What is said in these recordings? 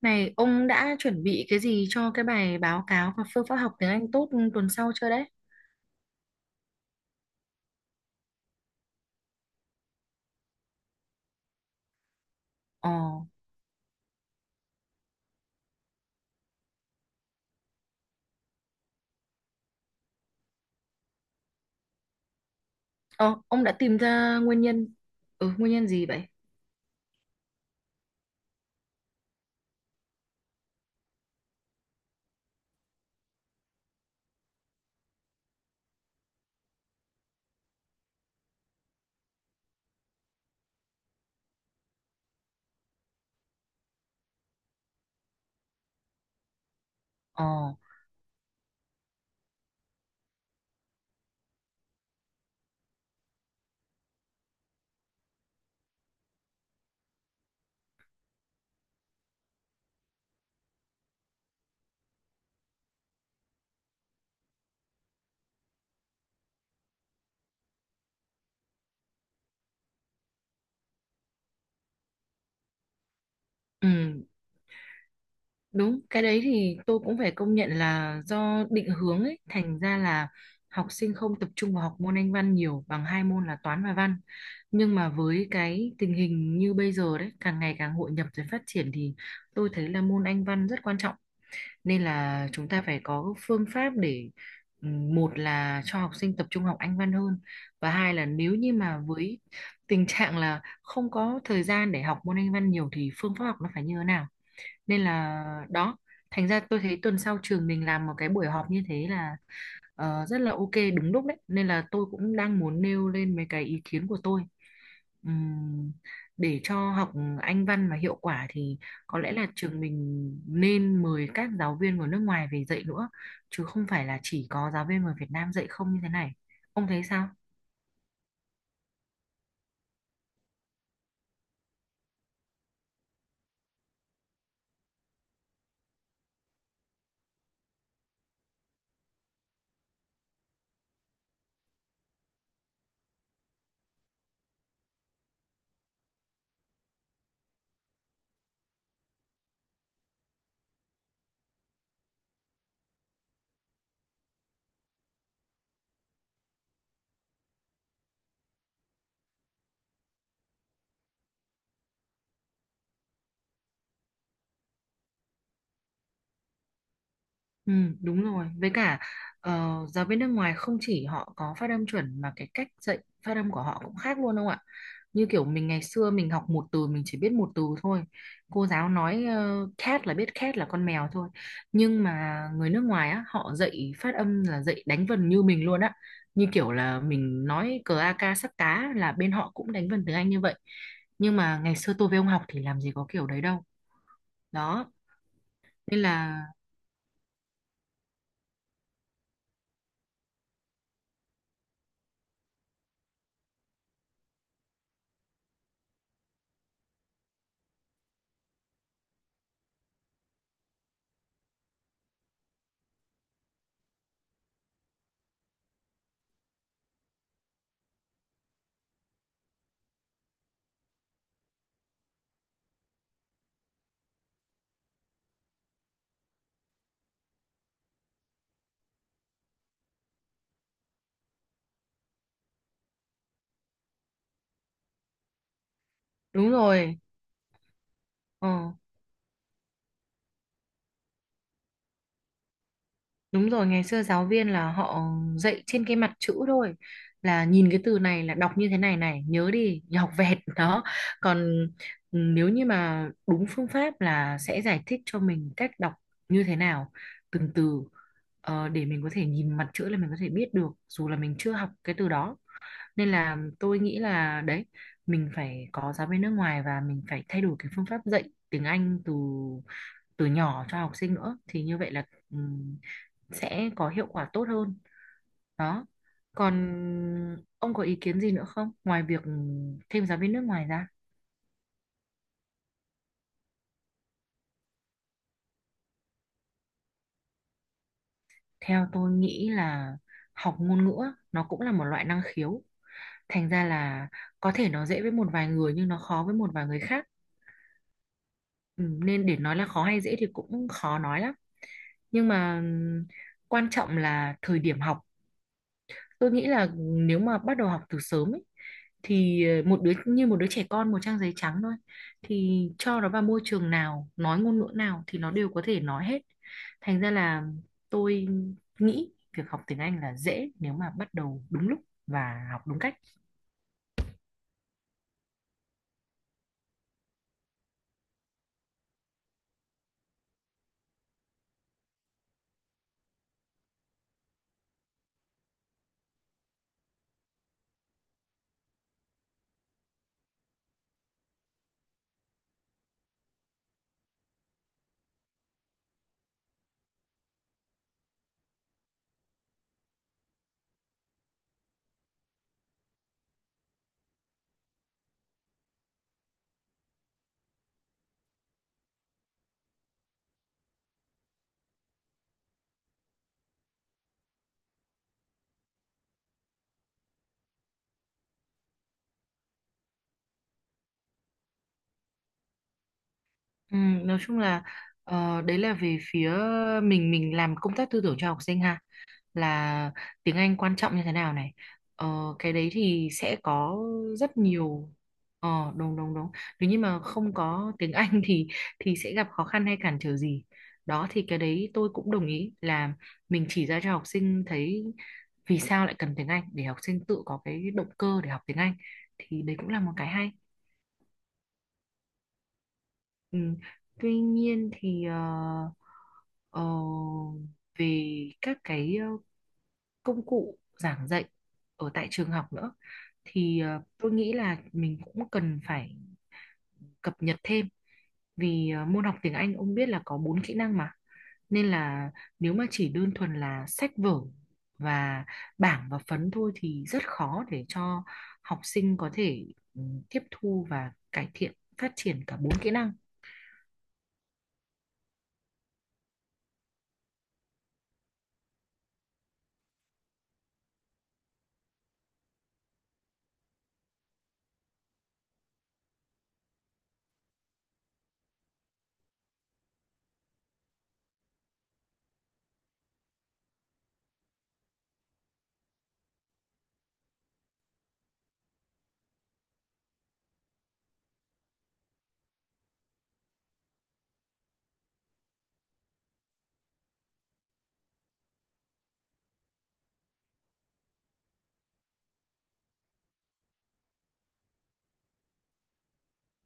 Này, ông đã chuẩn bị cái gì cho cái bài báo cáo và phương pháp học tiếng Anh tốt tuần sau chưa đấy? Ồ, ờ, ông đã tìm ra nguyên nhân. Ừ, nguyên nhân gì vậy? Ồ, ừ, đúng, cái đấy thì tôi cũng phải công nhận là do định hướng ấy, thành ra là học sinh không tập trung vào học môn Anh văn nhiều bằng hai môn là toán và văn. Nhưng mà với cái tình hình như bây giờ đấy, càng ngày càng hội nhập rồi phát triển thì tôi thấy là môn Anh văn rất quan trọng. Nên là chúng ta phải có phương pháp để một là cho học sinh tập trung học Anh văn hơn, và hai là nếu như mà với tình trạng là không có thời gian để học môn Anh văn nhiều thì phương pháp học nó phải như thế nào. Nên là đó, thành ra tôi thấy tuần sau trường mình làm một cái buổi họp như thế là rất là ok, đúng lúc đấy, nên là tôi cũng đang muốn nêu lên mấy cái ý kiến của tôi. Ừm, để cho học Anh văn mà hiệu quả thì có lẽ là trường mình nên mời các giáo viên của nước ngoài về dạy nữa, chứ không phải là chỉ có giáo viên người Việt Nam dạy không như thế này. Ông thấy sao? Ừ, đúng rồi. Với cả giáo viên nước ngoài không chỉ họ có phát âm chuẩn mà cái cách dạy phát âm của họ cũng khác luôn không ạ? Như kiểu mình ngày xưa mình học một từ mình chỉ biết một từ thôi, cô giáo nói cat là biết cat là con mèo thôi. Nhưng mà người nước ngoài á, họ dạy phát âm là dạy đánh vần như mình luôn á, như kiểu là mình nói cờ a ca sắp cá là bên họ cũng đánh vần tiếng Anh như vậy. Nhưng mà ngày xưa tôi với ông học thì làm gì có kiểu đấy đâu. Đó, nên là đúng rồi. ờ Đúng rồi, ngày xưa giáo viên là họ dạy trên cái mặt chữ thôi. Là nhìn cái từ này là đọc như thế này này, nhớ đi, nhớ học vẹt đó. Còn nếu như mà đúng phương pháp là sẽ giải thích cho mình cách đọc như thế nào, từng từ, để mình có thể nhìn mặt chữ là mình có thể biết được dù là mình chưa học cái từ đó. Nên là tôi nghĩ là đấy, mình phải có giáo viên nước ngoài và mình phải thay đổi cái phương pháp dạy tiếng Anh từ từ nhỏ cho học sinh nữa, thì như vậy là ừm, sẽ có hiệu quả tốt hơn. Đó, còn ông có ý kiến gì nữa không ngoài việc thêm giáo viên nước ngoài ra? Theo tôi nghĩ là học ngôn ngữ á, nó cũng là một loại năng khiếu, thành ra là có thể nó dễ với một vài người nhưng nó khó với một vài người khác. Ừ, nên để nói là khó hay dễ thì cũng khó nói lắm, nhưng mà quan trọng là thời điểm học. Tôi nghĩ là nếu mà bắt đầu học từ sớm ấy, thì một đứa trẻ con một trang giấy trắng thôi, thì cho nó vào môi trường nào nói ngôn ngữ nào thì nó đều có thể nói hết, thành ra là tôi nghĩ việc học tiếng Anh là dễ nếu mà bắt đầu đúng lúc và học đúng cách. Ừ, nói chung là đấy là về phía mình làm công tác tư tưởng cho học sinh ha, là tiếng Anh quan trọng như thế nào này, ờ, cái đấy thì sẽ có rất nhiều. Đúng đúng đúng, nếu như mà không có tiếng Anh thì sẽ gặp khó khăn hay cản trở gì, đó thì cái đấy tôi cũng đồng ý là mình chỉ ra cho học sinh thấy vì sao lại cần tiếng Anh để học sinh tự có cái động cơ để học tiếng Anh, thì đấy cũng là một cái hay. Ừ. Tuy nhiên thì ờ, về các cái công cụ giảng dạy ở tại trường học nữa thì tôi nghĩ là mình cũng cần phải cập nhật thêm, vì môn học tiếng Anh ông biết là có bốn kỹ năng mà, nên là nếu mà chỉ đơn thuần là sách vở và bảng và phấn thôi thì rất khó để cho học sinh có thể ừ, tiếp thu và cải thiện phát triển cả bốn kỹ năng.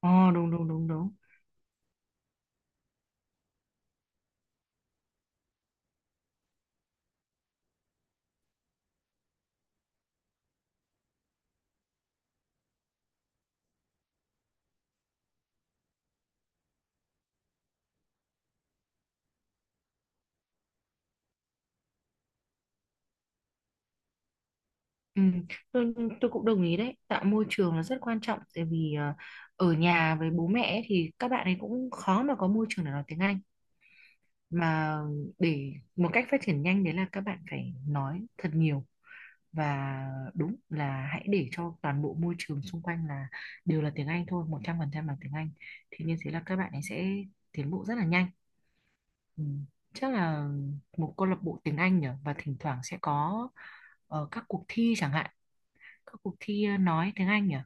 Ồ đúng đúng đúng đúng. Ừ, tôi, tôi cũng đồng ý đấy, tạo môi trường là rất quan trọng, tại vì ở nhà với bố mẹ ấy thì các bạn ấy cũng khó mà có môi trường để nói tiếng Anh, mà để một cách phát triển nhanh đấy là các bạn phải nói thật nhiều, và đúng là hãy để cho toàn bộ môi trường xung quanh là đều là tiếng Anh thôi, 100% là tiếng Anh, thì như thế là các bạn ấy sẽ tiến bộ rất là nhanh. Ừ. Chắc là một câu lạc bộ tiếng Anh nhỉ, và thỉnh thoảng sẽ có các cuộc thi chẳng hạn, các cuộc thi nói tiếng Anh à?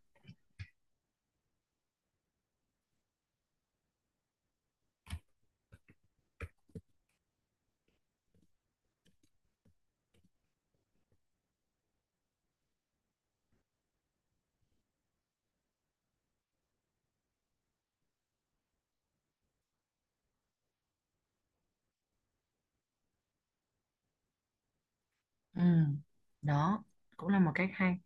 Ừ, đó cũng là một cách hay.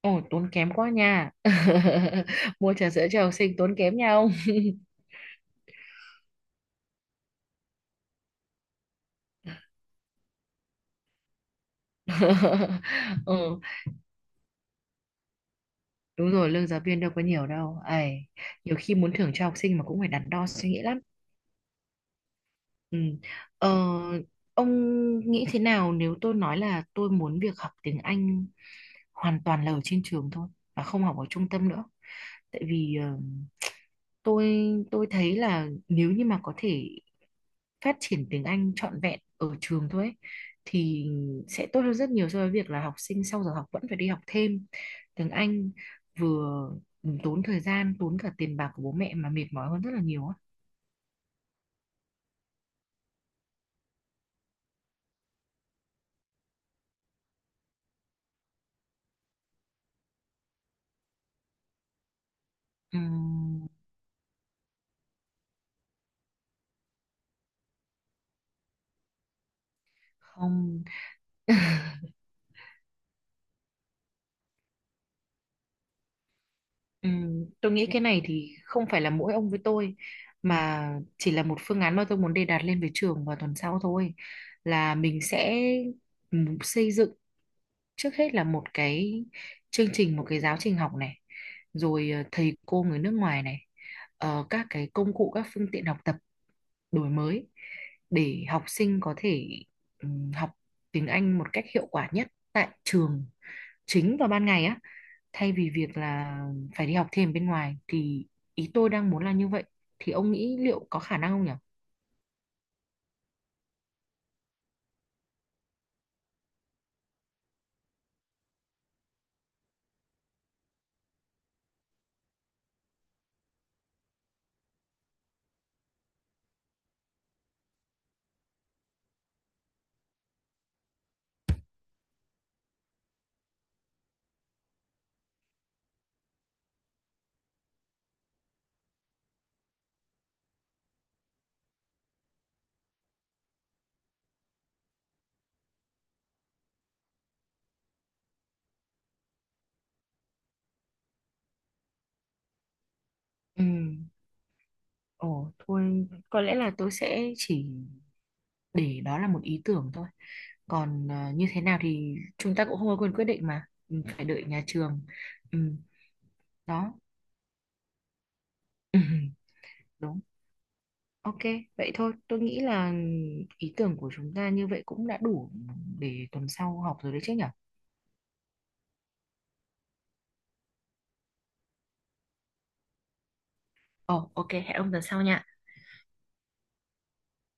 Ồ, tốn kém quá nha mua trà sữa cho học sinh tốn kém nha ông. Ừ, đúng rồi, lương giáo viên đâu có nhiều đâu ấy, nhiều khi muốn thưởng cho học sinh mà cũng phải đắn đo suy nghĩ lắm. Ừ. Ờ, ông nghĩ thế nào nếu tôi nói là tôi muốn việc học tiếng Anh hoàn toàn là ở trên trường thôi và không học ở trung tâm nữa? Tại vì tôi tôi thấy là nếu như mà có thể phát triển tiếng Anh trọn vẹn ở trường thôi ấy, thì sẽ tốt hơn rất nhiều so với việc là học sinh sau giờ học vẫn phải đi học thêm tiếng Anh, vừa tốn thời gian, tốn cả tiền bạc của bố mẹ, mà mệt mỏi hơn rất là nhiều á. Ừm, Không. Ừ, tôi nghĩ cái này thì không phải là mỗi ông với tôi, mà chỉ là một phương án mà tôi muốn đề đạt lên với trường vào tuần sau thôi, là mình sẽ xây dựng trước hết là một cái chương trình, một cái giáo trình học này, rồi thầy cô người nước ngoài này, các cái công cụ, các phương tiện học tập đổi mới để học sinh có thể ừ, học tiếng Anh một cách hiệu quả nhất tại trường chính vào ban ngày á, thay vì việc là phải đi học thêm bên ngoài, thì ý tôi đang muốn là như vậy. Thì ông nghĩ liệu có khả năng không nhỉ? Ừ, ồ thôi có lẽ là tôi sẽ chỉ để đó là một ý tưởng thôi. Còn như thế nào thì chúng ta cũng không có quyền quyết định mà. Ừ, phải đợi nhà trường. Ừ, đó. Ừ, đúng. Ok, vậy thôi. Tôi nghĩ là ý tưởng của chúng ta như vậy cũng đã đủ để tuần sau học rồi đấy chứ nhỉ? Ồ, ok, hẹn ông tuần sau nha.